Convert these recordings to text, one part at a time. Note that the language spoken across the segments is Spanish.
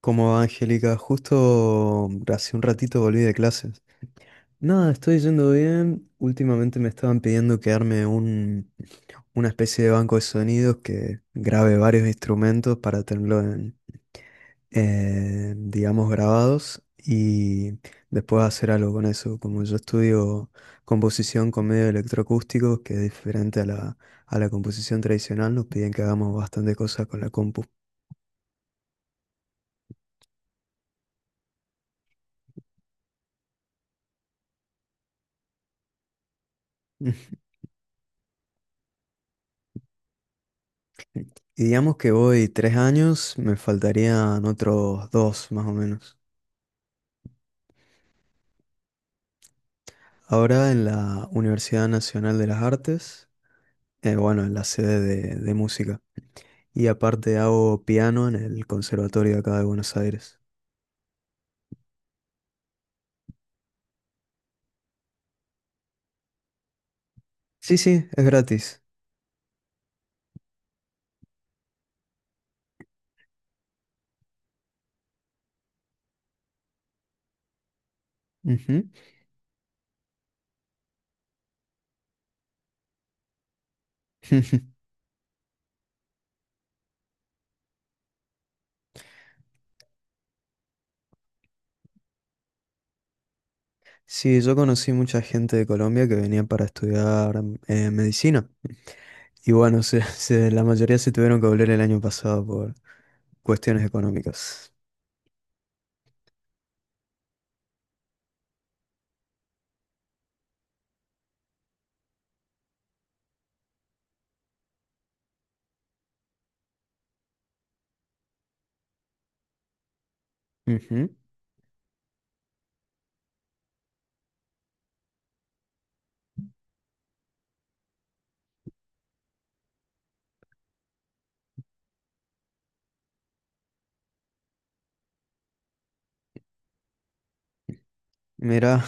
Cómo va, Angélica, justo hace un ratito volví de clases. Nada, estoy yendo bien. Últimamente me estaban pidiendo que arme una especie de banco de sonidos que grabe varios instrumentos para tenerlo, digamos, grabados y después hacer algo con eso. Como yo estudio composición con medios electroacústicos, que es diferente a a la composición tradicional, nos piden que hagamos bastantes cosas con la compu. Y digamos que voy tres años, me faltarían otros dos más o menos. Ahora en la Universidad Nacional de las Artes, bueno, en la sede de música. Y aparte hago piano en el conservatorio de acá de Buenos Aires. Sí, sí, es gratis. Ujú. Sí, yo conocí mucha gente de Colombia que venía para estudiar medicina. Y bueno, la mayoría se tuvieron que volver el año pasado por cuestiones económicas. Ujú. Mira,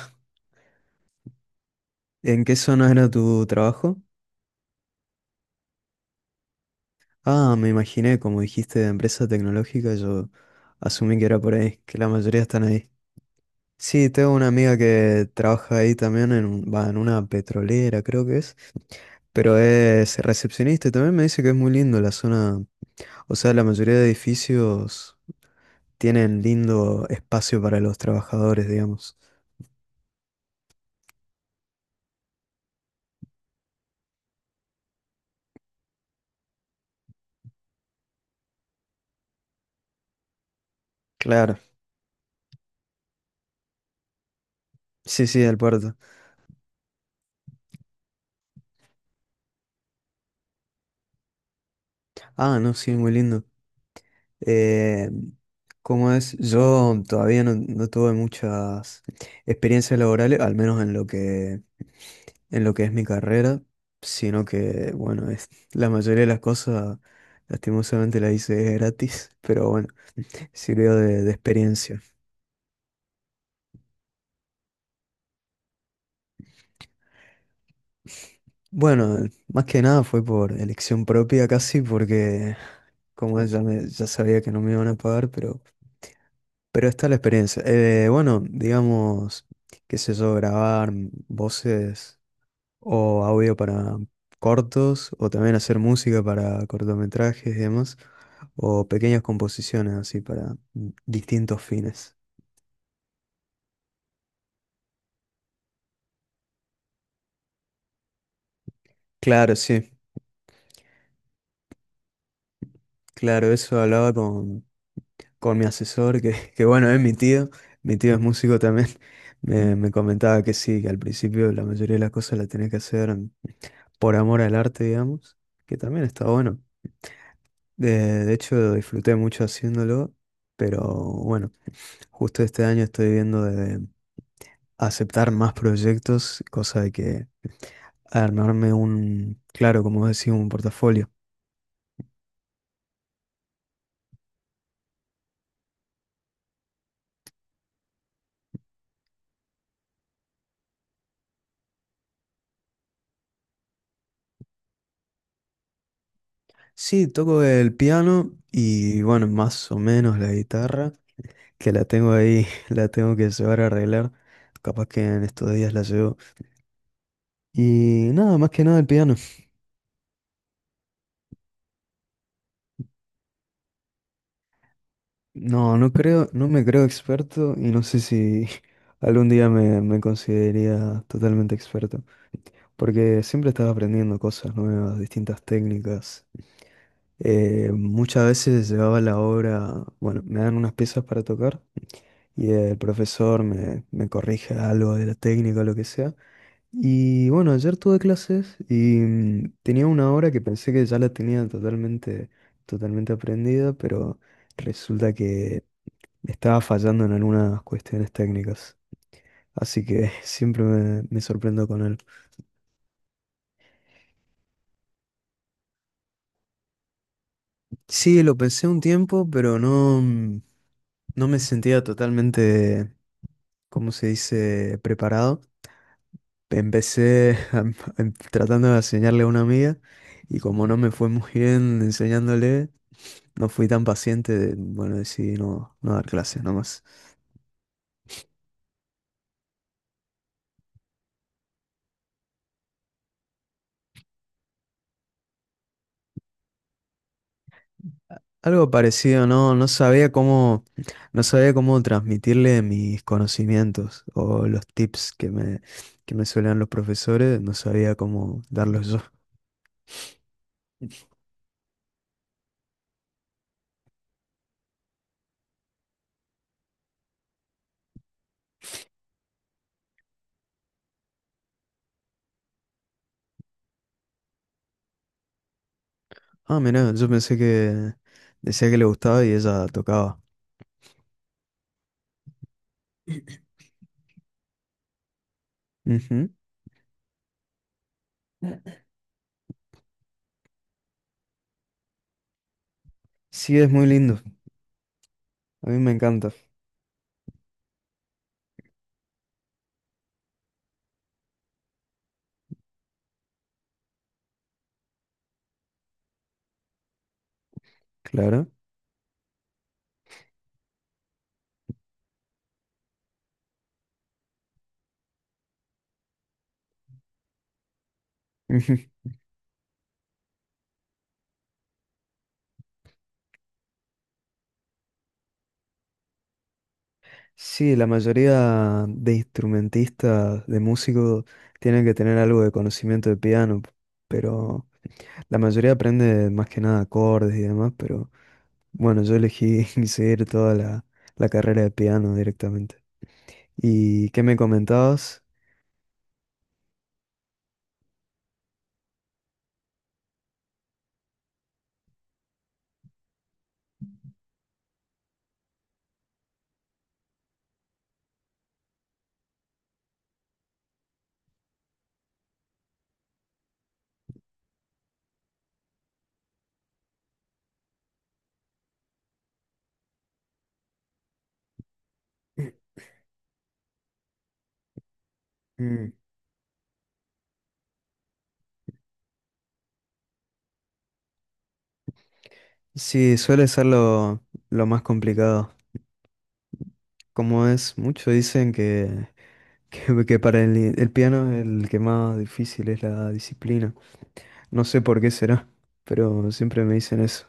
¿en qué zona era tu trabajo? Ah, me imaginé, como dijiste, de empresa tecnológica, yo asumí que era por ahí, que la mayoría están ahí. Sí, tengo una amiga que trabaja ahí también, en una petrolera creo que es, pero es recepcionista y también me dice que es muy lindo la zona, o sea, la mayoría de edificios tienen lindo espacio para los trabajadores, digamos. Claro, sí, sí, el puerto. Ah, no, sí, muy lindo. Eh, ¿Cómo es? Yo todavía no tuve muchas experiencias laborales, al menos en lo que es mi carrera, sino que, bueno, es, la mayoría de las cosas, lastimosamente, las hice gratis, pero bueno, sirvió de experiencia. Bueno, más que nada fue por elección propia casi, porque como es, ya, ya sabía que no me iban a pagar, pero está la experiencia. Bueno, digamos, qué sé yo, grabar voces, o audio para cortos, o también hacer música para cortometrajes y demás, o pequeñas composiciones así para distintos fines. Claro, sí, claro, eso hablaba con mi asesor, que bueno, es mi tío es músico también, me comentaba que sí, que al principio la mayoría de las cosas las tenés que hacer por amor al arte, digamos, que también está bueno. De hecho, disfruté mucho haciéndolo, pero bueno, justo este año estoy viendo de aceptar más proyectos, cosa de que armarme un, claro, como decís, un portafolio. Sí, toco el piano y bueno, más o menos la guitarra, que la tengo ahí, la tengo que llevar a arreglar. Capaz que en estos días la llevo. Y nada, más que nada el piano. No, no creo, no me creo experto y no sé si algún día me consideraría totalmente experto, porque siempre estaba aprendiendo cosas nuevas, distintas técnicas. Muchas veces llevaba la obra, bueno, me dan unas piezas para tocar y el profesor me corrige algo de la técnica o lo que sea. Y bueno, ayer tuve clases y tenía una obra que pensé que ya la tenía totalmente aprendida, pero… Resulta que estaba fallando en algunas cuestiones técnicas. Así que siempre me sorprendo con él. Sí, lo pensé un tiempo, pero no me sentía totalmente, ¿cómo se dice?, preparado. Empecé tratando de enseñarle a una amiga y como no me fue muy bien enseñándole, no fui tan paciente de, bueno, decidí no dar clases nomás. Algo parecido, no, no sabía cómo, no sabía cómo transmitirle mis conocimientos o los tips que que me suelen los profesores, no sabía cómo darlos yo. Ah, mira, yo pensé que decía que le gustaba y ella tocaba. Ujú. Sí, es muy lindo, a mí me encanta, claro. Ujú. Sí, la mayoría de instrumentistas, de músicos, tienen que tener algo de conocimiento de piano, pero la mayoría aprende más que nada acordes y demás, pero… Bueno, yo elegí seguir toda la carrera de piano directamente. ¿Y qué me comentabas? Mm. Sí, suele ser lo más complicado. Como es, muchos dicen que, que para el piano el que más difícil es la disciplina. No sé por qué será, pero siempre me dicen eso.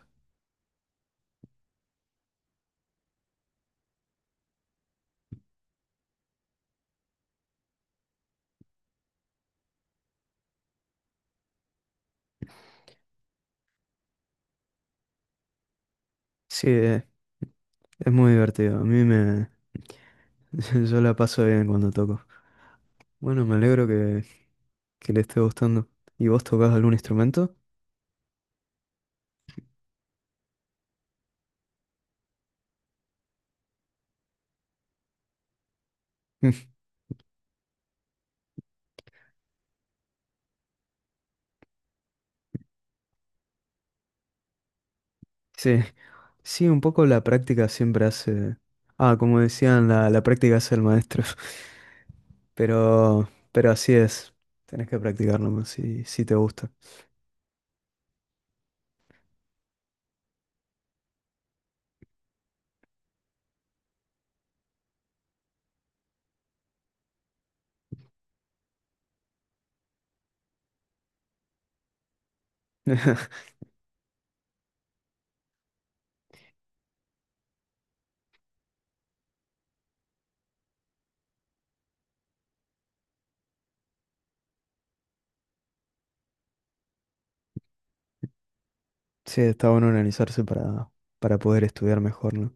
Sí, es muy divertido. A mí me… Yo la paso bien cuando toco. Bueno, me alegro que le esté gustando. ¿Y vos tocás algún instrumento? Mm. Sí, sí, un poco la práctica siempre hace… Ah, como decían, la práctica hace el maestro. Pero así es. Tenés que practicar nomás si, si te gusta. Sí, está bueno organizarse para poder estudiar mejor, ¿no?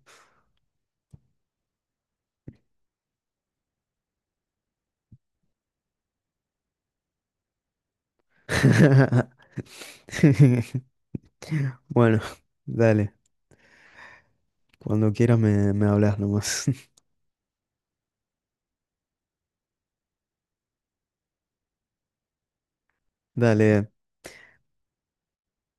Bueno, dale. Cuando quieras me hablas nomás. Dale.